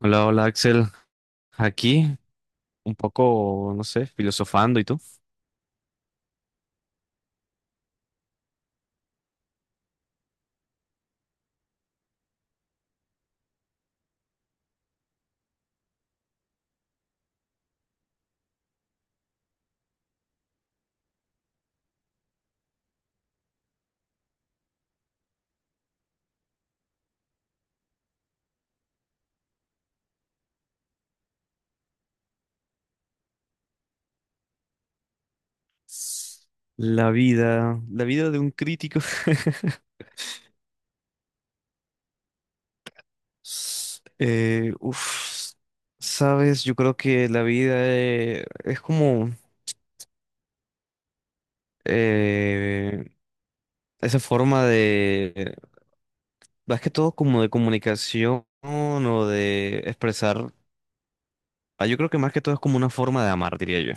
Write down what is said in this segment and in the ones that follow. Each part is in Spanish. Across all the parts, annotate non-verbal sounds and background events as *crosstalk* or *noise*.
Hola, hola Axel, aquí un poco, no sé, filosofando, ¿y tú? La vida de un crítico. *laughs* Eh, uf, sabes, yo creo que la vida es como eh, esa forma de, más que todo como de comunicación o de expresar, yo creo que más que todo es como una forma de amar, diría yo.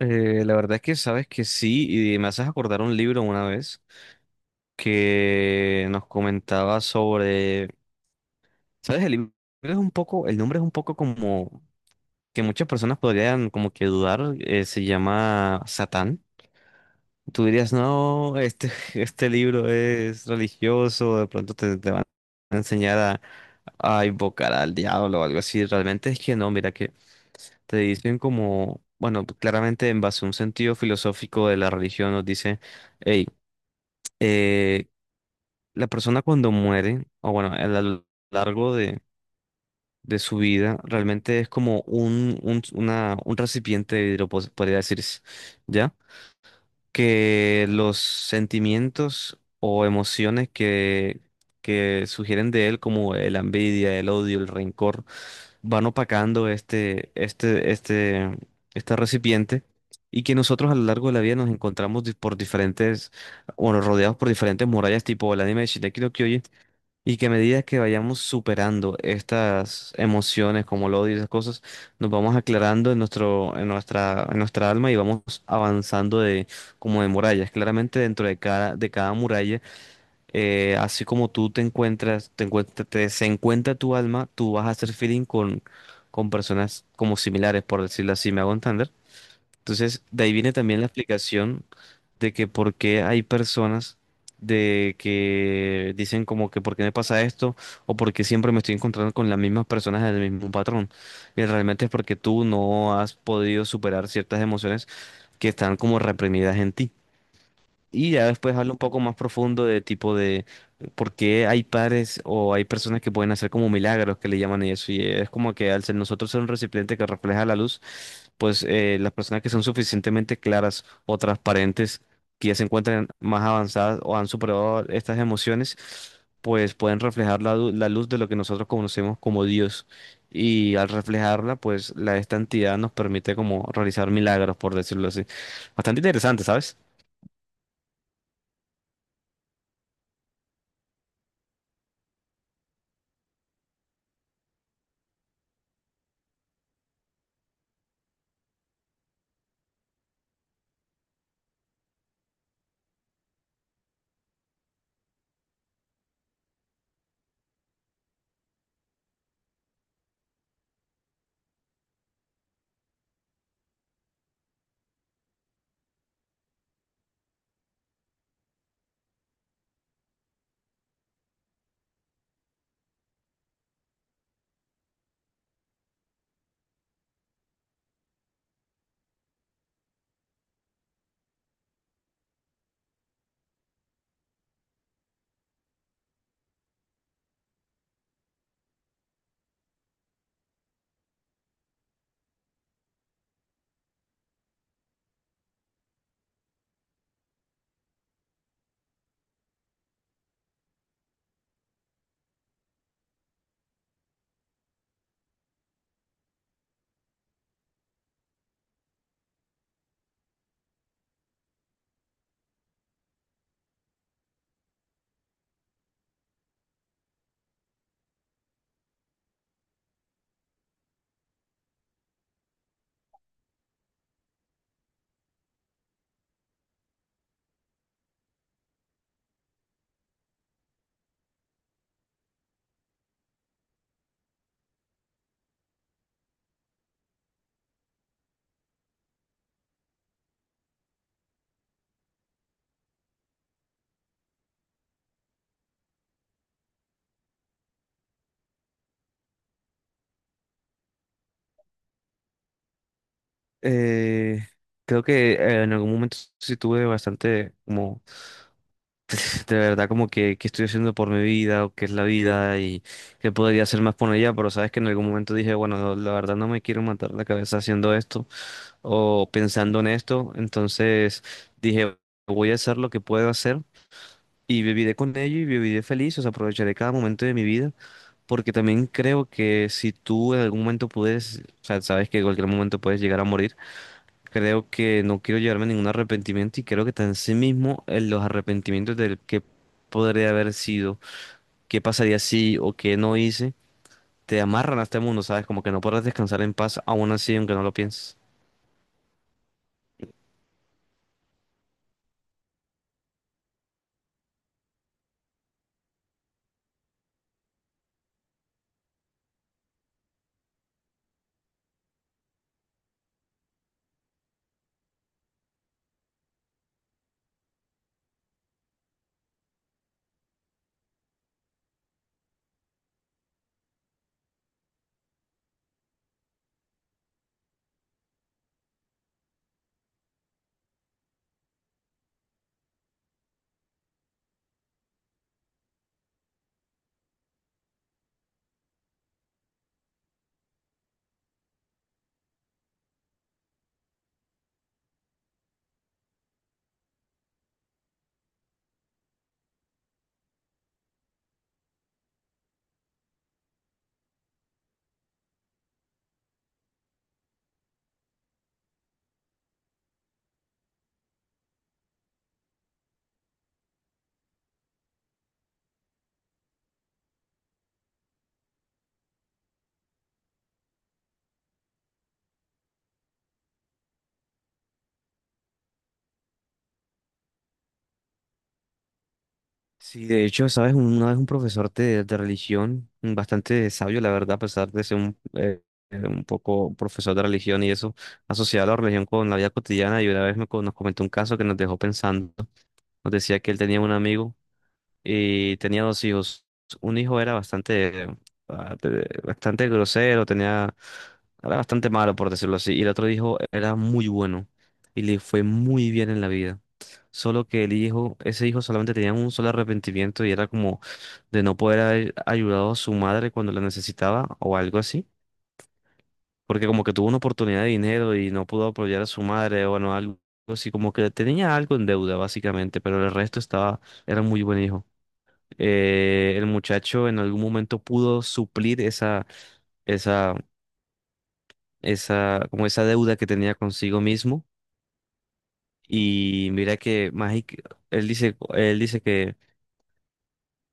La verdad es que sabes que sí, y me haces acordar un libro una vez, que nos comentaba sobre, ¿sabes? El libro es un poco, el nombre es un poco como que muchas personas podrían como que dudar, se llama Satán. Tú dirías, no, este, *laughs* este libro es religioso, de pronto te van a enseñar a invocar al diablo o algo así. Realmente es que no, mira que te dicen como, bueno, claramente en base a un sentido filosófico de la religión nos dice, hey, eh, la persona cuando muere, o bueno, a lo largo de su vida, realmente es como un recipiente de vidrio, pos- podría decirse, ¿ya? Que los sentimientos o emociones que sugieren de él, como la envidia, el odio, el rencor, van opacando este, este recipiente. Y que nosotros a lo largo de la vida nos encontramos di- por diferentes, bueno, rodeados por diferentes murallas, tipo el anime de Shingeki no Kyojin, y que a medida que vayamos superando estas emociones como el odio y esas cosas, nos vamos aclarando en nuestra alma y vamos avanzando de, como de murallas. Claramente dentro de cada muralla, así como tú te encuentras, te encuentra- te- se encuentra tu alma, tú vas a hacer feeling con personas como similares, por decirlo así, ¿me hago entender? Entonces, de ahí viene también la explicación de que por qué hay personas de que dicen como que por qué me pasa esto o por qué siempre me estoy encontrando con las mismas personas del mismo patrón. Y realmente es porque tú no has podido superar ciertas emociones que están como reprimidas en ti. Y ya después habla un poco más profundo de tipo de por qué hay padres o hay personas que pueden hacer como milagros que le llaman y eso. Y es como que al ser nosotros ser un recipiente que refleja la luz, pues las personas que son suficientemente claras o transparentes, que ya se encuentran más avanzadas o han superado estas emociones, pues pueden reflejar la, du- la luz de lo que nosotros conocemos como Dios. Y al reflejarla, pues la esta entidad nos permite como realizar milagros, por decirlo así. Bastante interesante, ¿sabes? Eh, creo que en algún momento sí tuve bastante como, de verdad, como que, qué estoy haciendo por mi vida o qué es la vida y qué podría hacer más por ella, pero sabes que en algún momento dije, bueno, la verdad no me quiero matar la cabeza haciendo esto o pensando en esto, entonces dije, voy a hacer lo que puedo hacer y viviré con ello y viviré feliz, o sea, aprovecharé cada momento de mi vida, porque también creo que si tú en algún momento puedes, o sea, sabes que en cualquier momento puedes llegar a morir. Creo que no quiero llevarme ningún arrepentimiento y creo que tan en sí mismo en los arrepentimientos del que podría haber sido, qué pasaría si o qué no hice, te amarran a este mundo, ¿sabes? Como que no podrás descansar en paz aún así, aunque no lo pienses. Sí, de hecho, ¿sabes? Una vez un profesor de religión, bastante sabio, la verdad, a pesar de ser un poco profesor de religión y eso, asociaba la religión con la vida cotidiana y una vez me, co- nos comentó un caso que nos dejó pensando. Nos decía que él tenía un amigo y tenía dos hijos. Un hijo era bastante, ah, te- bastante grosero, tenía, era bastante malo, por decirlo así, y el otro hijo era muy bueno y le fue muy bien en la vida. Solo que el hijo, ese hijo solamente tenía un solo arrepentimiento y era como de no poder haber ayudado a su madre cuando la necesitaba o algo así. Porque como que tuvo una oportunidad de dinero y no pudo apoyar a su madre o bueno, algo así, como que tenía algo en deuda básicamente, pero el resto estaba, era muy buen hijo. El muchacho en algún momento pudo suplir esa, esa, como esa deuda que tenía consigo mismo. Y mira que Magic, él dice que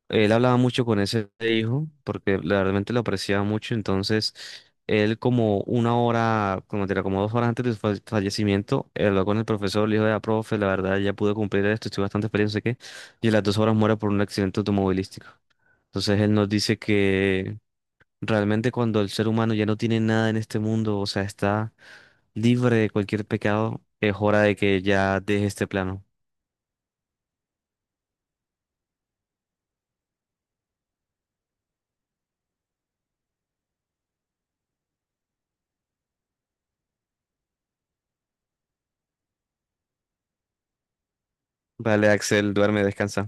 él hablaba mucho con ese hijo porque la- realmente lo apreciaba mucho. Entonces, él como una hora, como, mentira, como dos horas antes de su fa- fallecimiento, habló con el profesor, le dijo, ya, profe, la verdad ya pude cumplir esto, estoy bastante feliz, no sé qué. Y a las dos horas muere por un accidente automovilístico. Entonces él nos dice que realmente cuando el ser humano ya no tiene nada en este mundo, o sea, está libre de cualquier pecado, es hora de que ya deje este plano. Vale, Axel, duerme, descansa.